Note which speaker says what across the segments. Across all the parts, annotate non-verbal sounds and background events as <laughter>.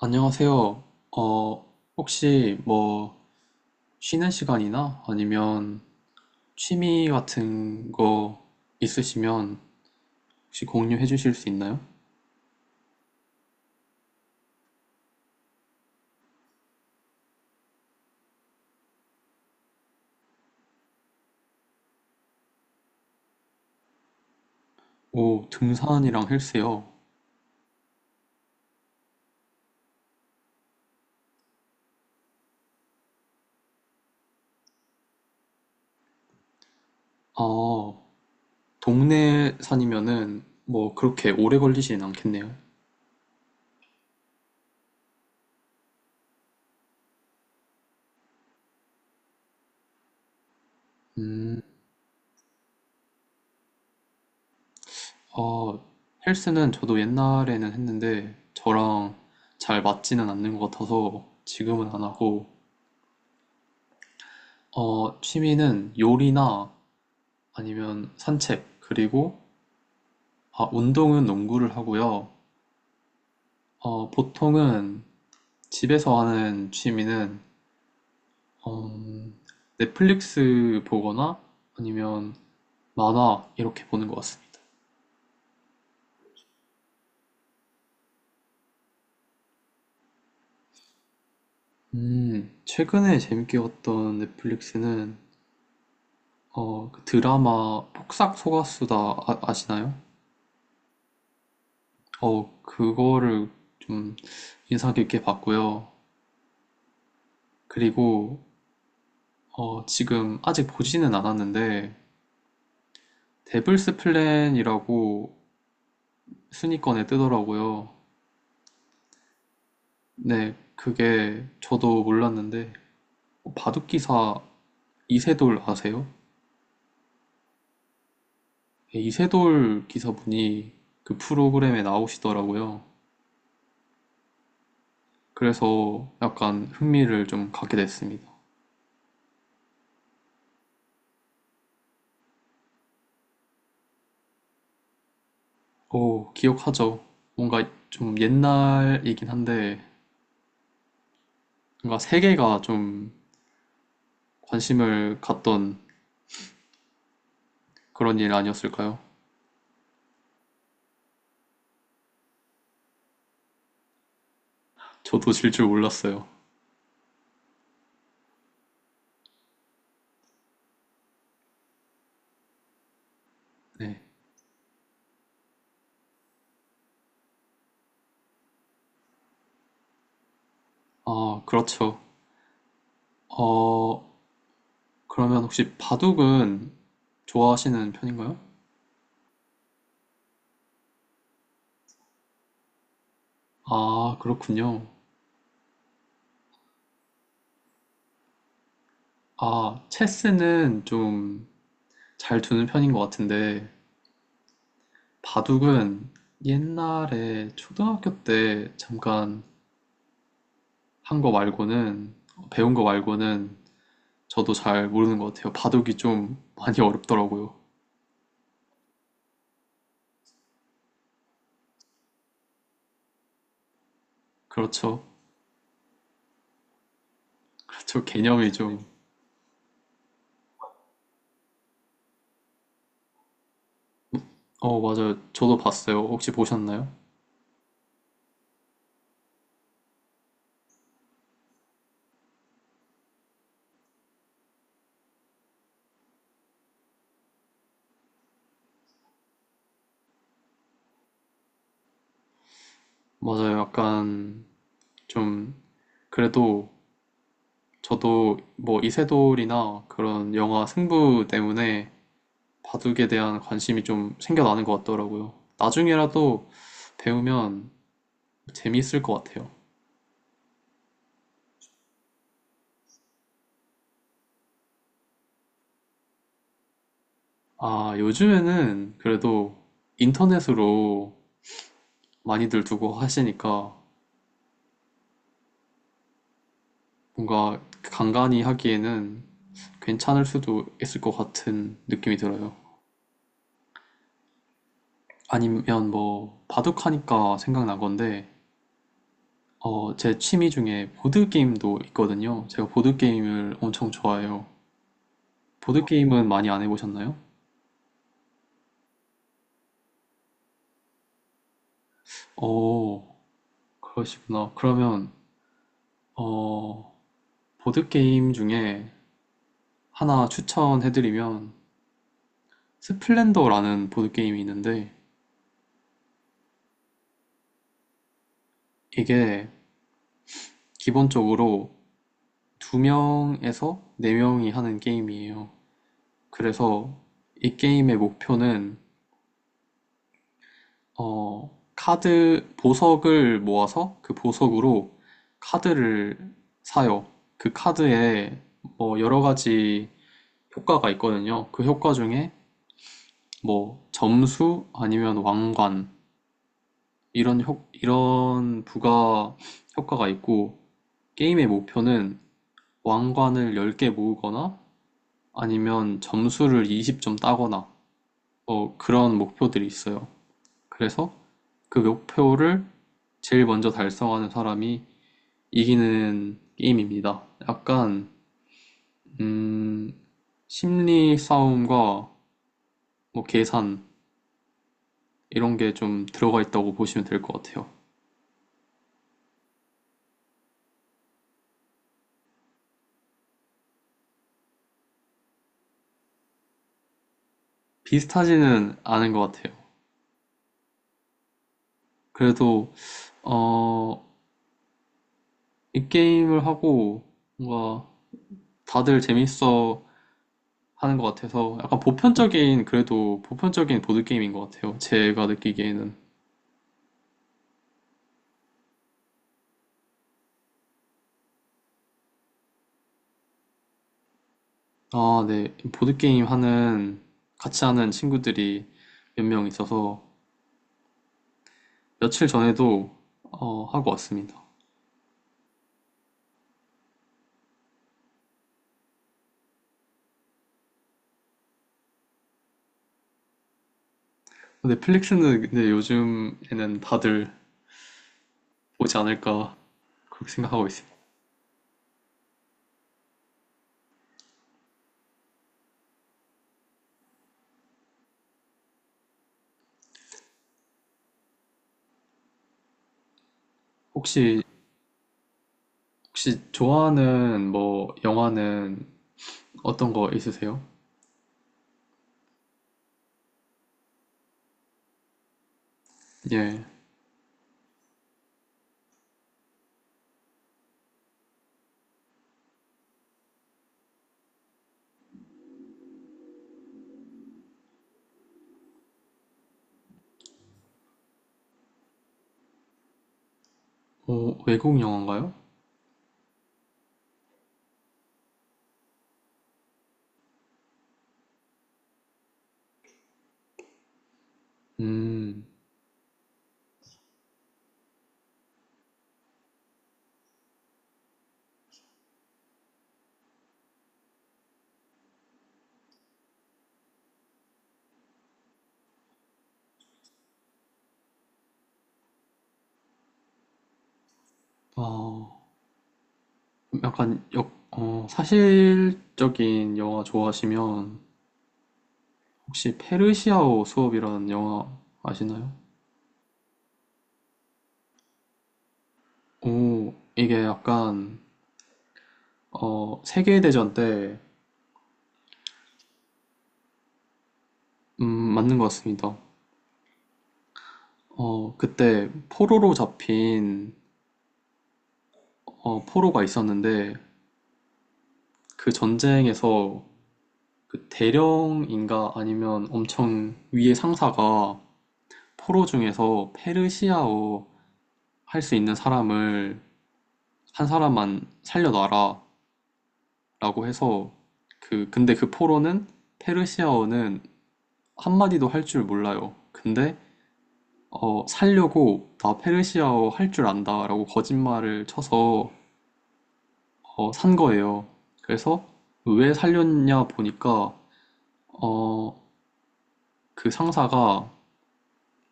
Speaker 1: 안녕하세요. 혹시 쉬는 시간이나 아니면 취미 같은 거 있으시면 혹시 공유해 주실 수 있나요? 오, 등산이랑 헬스요. 아, 동네 산이면은 뭐 그렇게 오래 걸리진 않겠네요. 음, 어, 헬스는 저도 옛날에는 했는데 저랑 잘 맞지는 않는 것 같아서 지금은 안 하고, 취미는 요리나 아니면 산책, 그리고 아, 운동은 농구를 하고요. 어, 보통은 집에서 하는 취미는 어, 넷플릭스 보거나 아니면 만화 이렇게 보는 것 같습니다. 최근에 재밌게 봤던 넷플릭스는 그 드라마 폭싹 속았수다, 아, 아시나요? 어, 그거를 좀 인상 깊게 봤고요. 그리고 지금 아직 보지는 않았는데 데블스 플랜이라고 순위권에 뜨더라고요. 네, 그게 저도 몰랐는데 바둑 기사 이세돌 아세요? 네, 이세돌 기사분이 그 프로그램에 나오시더라고요. 그래서 약간 흥미를 좀 갖게 됐습니다. 오, 기억하죠? 뭔가 좀 옛날이긴 한데 뭔가 세계가 좀 관심을 갖던 그런 일 아니었을까요? 저도 질 줄 몰랐어요. 네. 아, 그렇죠. 어, 그러면 혹시 바둑은 좋아하시는 편인가요? 아, 그렇군요. 아, 체스는 좀 잘 두는 편인 것 같은데, 바둑은 옛날에 초등학교 때 잠깐 한 거 말고는, 배운 거 말고는 저도 잘 모르는 것 같아요. 바둑이 좀 많이 어렵더라고요. 그렇죠. 그렇죠. 개념이 좀. 어, 맞아요. 저도 봤어요. 혹시 보셨나요? 맞아요. 약간 좀, 그래도 저도 뭐 이세돌이나 그런 영화 승부 때문에 바둑에 대한 관심이 좀 생겨나는 것 같더라고요. 나중에라도 배우면 재미있을 것 같아요. 아, 요즘에는 그래도 인터넷으로 많이들 두고 하시니까 뭔가 간간히 하기에는 괜찮을 수도 있을 것 같은 느낌이 들어요. 아니면 뭐 바둑하니까 생각난 건데 제 취미 중에 보드게임도 있거든요. 제가 보드게임을 엄청 좋아해요. 보드게임은 많이 안 해보셨나요? 어, 그러시구나. 그러면, 어, 보드게임 중에 하나 추천해드리면, 스플렌더라는 보드게임이 있는데, 이게 기본적으로 두 명에서 네 명이 하는 게임이에요. 그래서 이 게임의 목표는 어, 카드 보석을 모아서 그 보석으로 카드를 사요. 그 카드에 뭐 여러 가지 효과가 있거든요. 그 효과 중에 뭐 점수 아니면 왕관 이런 부가 효과가 있고 게임의 목표는 왕관을 10개 모으거나 아니면 점수를 20점 따거나 뭐 그런 목표들이 있어요. 그래서 그 목표를 제일 먼저 달성하는 사람이 이기는 게임입니다. 약간 음, 심리 싸움과 뭐 계산 이런 게 좀 들어가 있다고 보시면 될 것 같아요. 비슷하지는 않은 것 같아요. 그래도 어, 이 게임을 하고 뭔가 다들 재밌어 하는 것 같아서 약간 보편적인 보드 게임인 것 같아요. 제가 느끼기에는. 아, 네. 보드 게임 하는 같이 하는 친구들이 몇 명 있어서 며칠 전에도 하고 왔습니다. 넷플릭스는 근데 요즘에는 다들 보지 않을까 그렇게 생각하고 있어요. 혹시 혹시 좋아하는 뭐 영화는 어떤 거 있으세요? 예, 어, 외국 영화인가요? 음, 어, 사실적인 영화 좋아하시면 혹시 페르시아어 수업이라는 영화 아시나요? 오, 이게 약간 세계대전 때. 맞는 것 같습니다. 그때 포로로 잡힌 어, 포로가 있었는데 그 전쟁에서 그 대령인가 아니면 엄청 위의 상사가 포로 중에서 페르시아어 할 수 있는 사람을 한 사람만 살려놔라라고 해서, 그 근데 그 포로는 페르시아어는 한마디도 할 줄 몰라요. 근데 살려고 나 페르시아어 할 줄 안다라고 거짓말을 쳐서 산 거예요. 그래서 왜 살렸냐 보니까 어, 그 상사가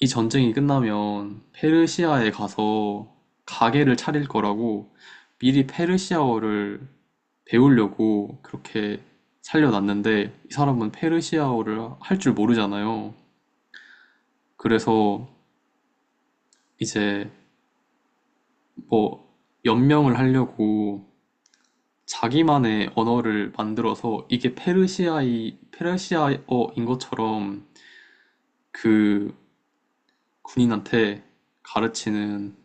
Speaker 1: 이 전쟁이 끝나면 페르시아에 가서 가게를 차릴 거라고 미리 페르시아어를 배우려고 그렇게 살려놨는데 이 사람은 페르시아어를 할 줄 모르잖아요. 그래서 이제 뭐 연명을 하려고 자기만의 언어를 만들어서 이게 페르시아이 페르시아어인 것처럼 그 군인한테 가르치는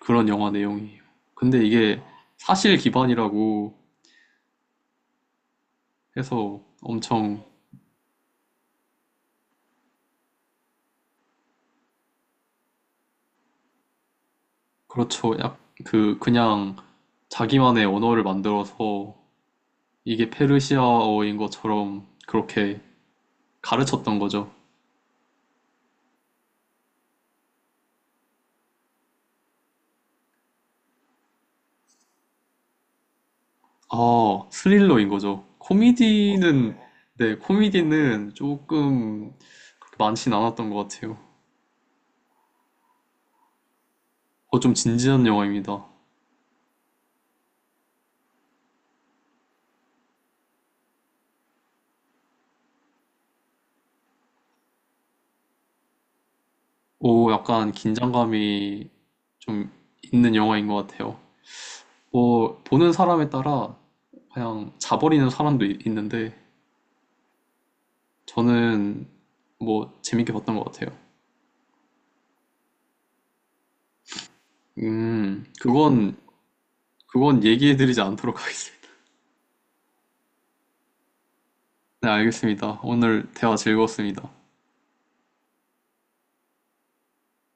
Speaker 1: 그런 영화 내용이에요. 근데 이게 사실 기반이라고 해서 엄청. 그렇죠. 약그 그냥 자기만의 언어를 만들어서 이게 페르시아어인 것처럼 그렇게 가르쳤던 거죠. 아, 스릴러인 거죠. 코미디는, 네, 코미디는 조금 그렇게 많진 않았던 것 같아요. 어, 좀 진지한 영화입니다. 오, 약간 긴장감이 좀 있는 영화인 것 같아요. 뭐, 보는 사람에 따라 그냥 자버리는 사람도 있는데, 저는 뭐, 재밌게 봤던 것 같아요. 음, 그건, 그건 얘기해드리지 않도록 <laughs> 하겠습니다. 네, 알겠습니다. 오늘 대화 즐거웠습니다.